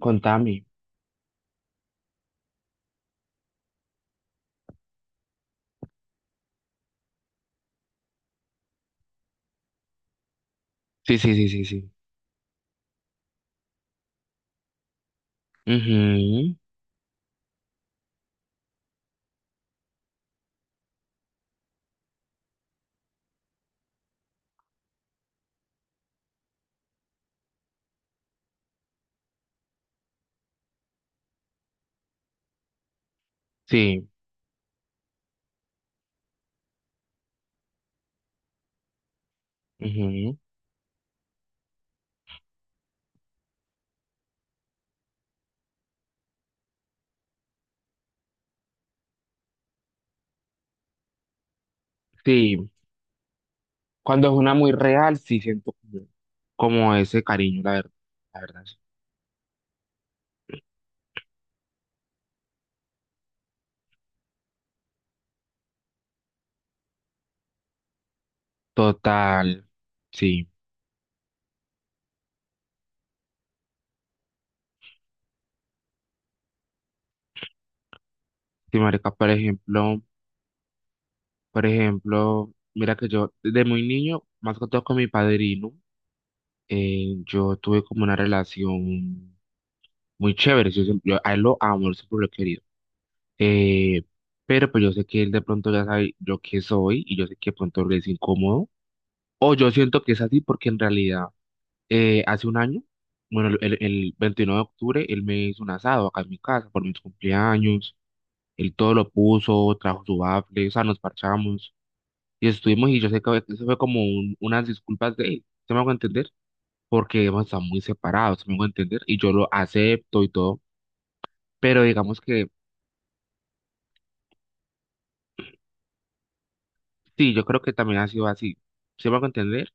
Con Tami. Sí, sí, sí, sí, sí. Ujú. Sí, ujú. Sí. Cuando es una muy real, sí siento como, como ese cariño, la verdad. La verdad, sí. Total. Sí. Sí, marica, por ejemplo, mira que yo desde muy niño, más que todo con mi padrino, yo tuve como una relación muy chévere. Yo, yo a él lo amo, él siempre lo he querido. Eh, pero pues yo sé que él de pronto ya sabe yo qué soy y yo sé que de pronto le es incómodo. O yo siento que es así porque en realidad hace un año, bueno, el 29 de octubre, él me hizo un asado acá en mi casa por mis cumpleaños. Él todo lo puso, trajo su bafle, o sea, nos parchamos y estuvimos y yo sé que eso fue como unas disculpas de él, ¿se me hago entender? Porque hemos estado muy separados, ¿se me hago entender? Y yo lo acepto y todo, pero digamos que sí, yo creo que también ha sido así, ¿se me hago entender?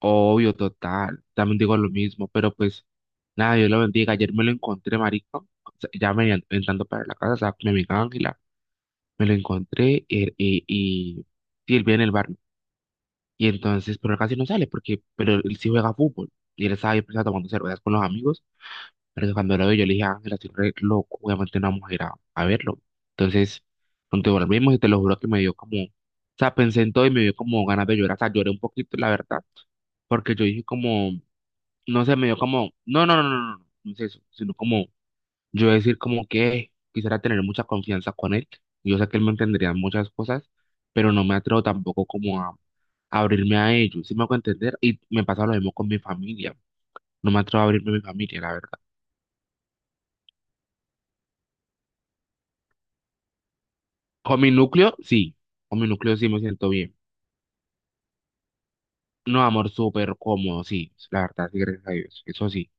Obvio, total. También digo lo mismo, pero pues nada, Dios lo bendiga. Ayer me lo encontré, marico. O sea, ya me entrando para la casa, o sea, mi amiga Ángela, me lo encontré sí, él vive en el bar. Y entonces, pero él casi no sale porque, pero él sí juega fútbol. Y él estaba ahí pues, tomando cervezas con los amigos. Pero cuando lo veo, yo le dije, Ángela, estoy re loco, voy a meter una mujer a verlo. Entonces, cuando volvimos, y te lo juro que me dio como, o sea, pensé en todo y me dio como ganas de llorar. O sea, lloré un poquito, la verdad, porque yo dije como no sé, me dio como, no, no, no, no, no, no es eso, sino como yo decir como que quisiera tener mucha confianza con él. Yo sé que él me entendería en muchas cosas, pero no me atrevo tampoco como a, abrirme a ellos, ¿si me hago entender? Y me pasa lo mismo con mi familia, no me atrevo a abrirme a mi familia, la verdad. Con mi núcleo, sí, con mi núcleo sí me siento bien. No, amor, súper cómodo, sí, la verdad, sí, gracias a Dios, eso sí.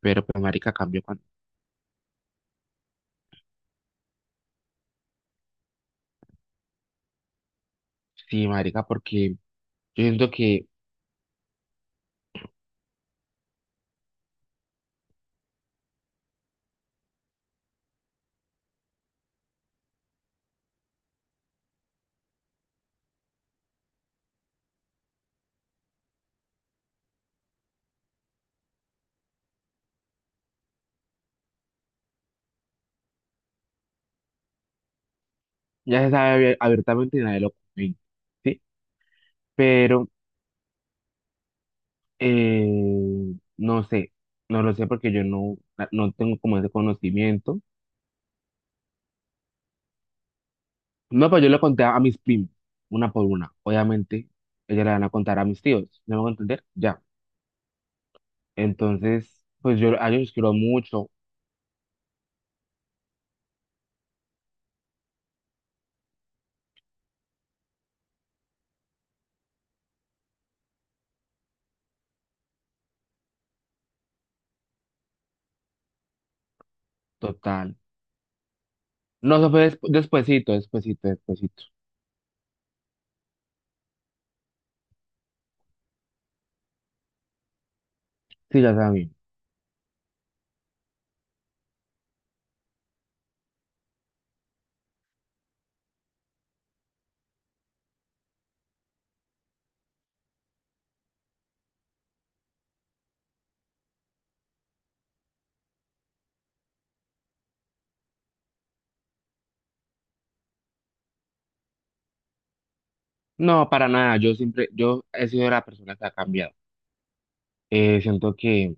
Pero pues, marica, cambio cuando sí, marica, porque yo siento que ya se sabe abiertamente y nadie lo comenta. ¿Sí? Pero eh, no sé, no lo sé porque yo no, ah, no tengo como ese conocimiento. No, pues yo le conté a mis primos, una por una. Obviamente, ellas le van a contar a mis tíos, ¿no me van a entender? Ya. Entonces, pues yo a ellos los quiero mucho, total. No, eso fue despuesito, despuesito, despuesito. Sí, ya saben. No, para nada, yo siempre, yo he sido la persona que ha cambiado. Siento que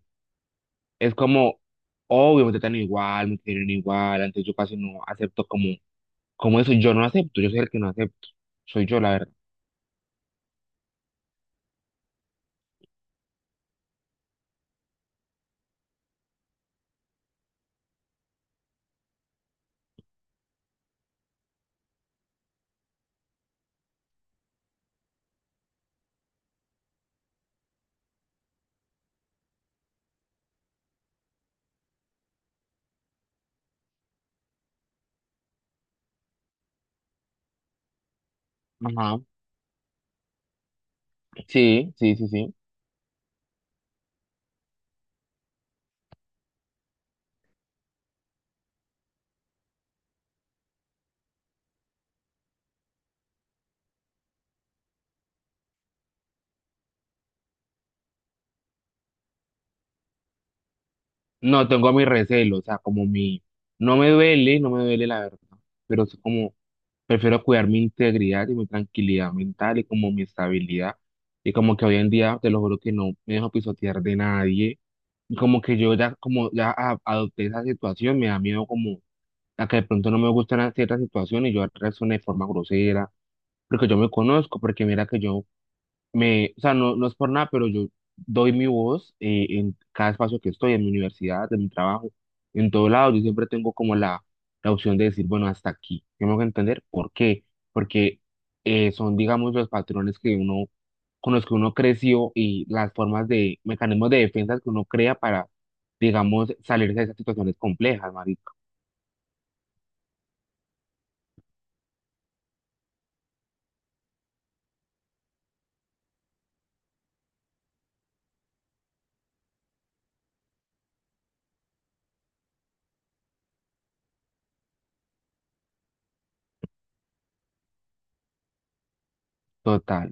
es como, obvio, me tratan igual, me quieren igual, antes yo casi no acepto como ¿cómo eso? Yo no acepto, yo soy el que no acepto. Soy yo, la verdad. Ajá. Sí, sí, sí, sí. No, tengo mi recelo, o sea, como mi... No me duele, no me duele la verdad, pero es como prefiero cuidar mi integridad y mi tranquilidad mental y como mi estabilidad. Y como que hoy en día, te lo juro que no me dejo pisotear de nadie. Y como que yo ya, como ya adopté esa situación, me da miedo como a que de pronto no me gustan ciertas situaciones y yo reaccioné de forma grosera, porque yo me conozco, porque mira que yo me, o sea, no, no es por nada, pero yo doy mi voz en cada espacio que estoy, en mi universidad, en mi trabajo, en todo lado. Yo siempre tengo como la opción de decir, bueno, hasta aquí. Tengo que entender por qué. Porque son, digamos, los patrones que uno, con los que uno creció y las formas de, mecanismos de defensa que uno crea para, digamos, salirse de esas situaciones complejas, marico. Total.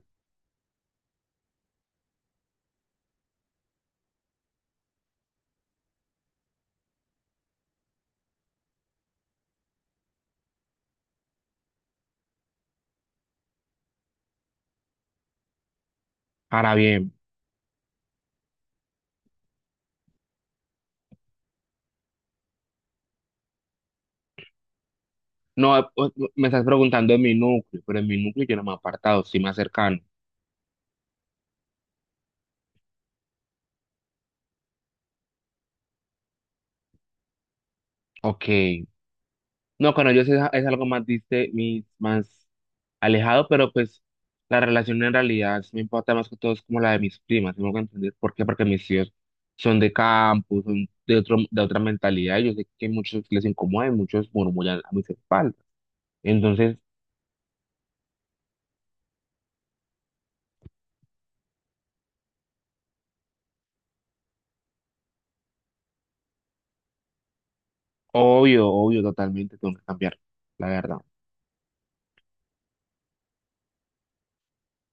Ahora bien, no, me estás preguntando en mi núcleo, pero en mi núcleo yo no me he apartado, sí más cercano. Ok. No, con ellos es algo más diste, más alejado, pero pues la relación en realidad sí me importa más que todo es como la de mis primas, tengo que entender por qué, porque mis tíos son de campo, son de otro, de otra mentalidad, y yo sé que muchos les incomoda y muchos murmullan a mis espaldas. Entonces, obvio, obvio, totalmente tengo que cambiar, la verdad.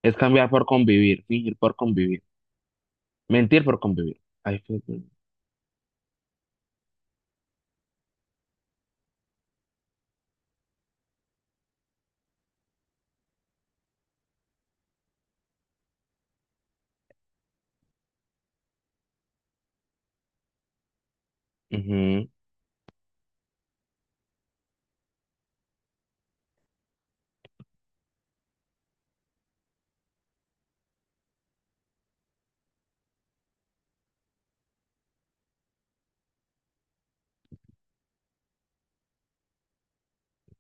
Es cambiar por convivir, fingir por convivir, mentir por convivir. Ay, fue- ujú,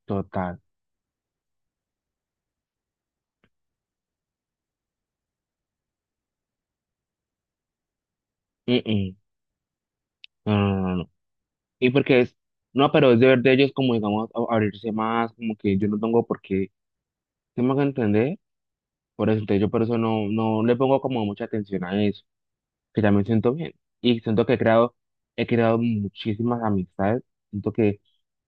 total. Mm, mm. No, no, no, no, no. Y porque es, no, pero es deber de ellos como, digamos, abrirse más, como que yo no tengo por qué, ¿sí me hago entender? Por eso, entonces yo por eso no, no le pongo como mucha atención a eso, que ya me siento bien. Y siento que he creado muchísimas amistades, siento que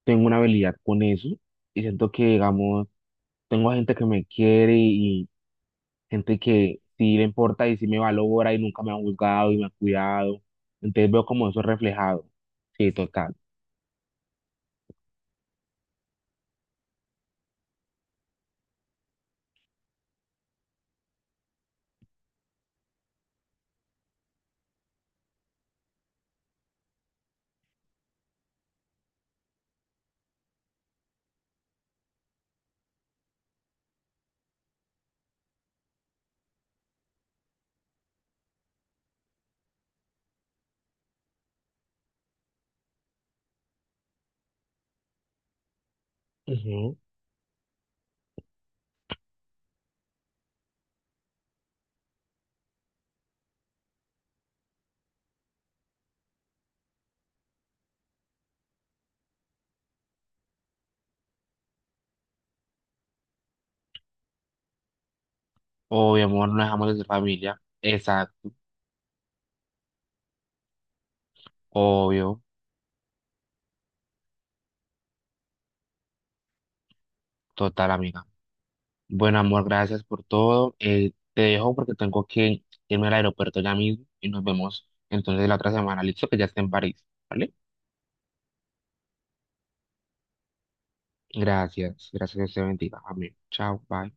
tengo una habilidad con eso, y siento que, digamos, tengo gente que me quiere y gente que sí le importa y sí me valora y nunca me ha juzgado y me ha cuidado. Entonces veo como eso reflejado. Sí, total. Obvio, amor, no dejamos de ser familia. Exacto, obvio, total, amiga. Bueno, amor, gracias por todo. Te dejo porque tengo que irme al aeropuerto ya mismo y nos vemos entonces la otra semana. Listo, que ya esté en París, ¿vale? Gracias, gracias, que se bendiga. Amén. Chao, bye.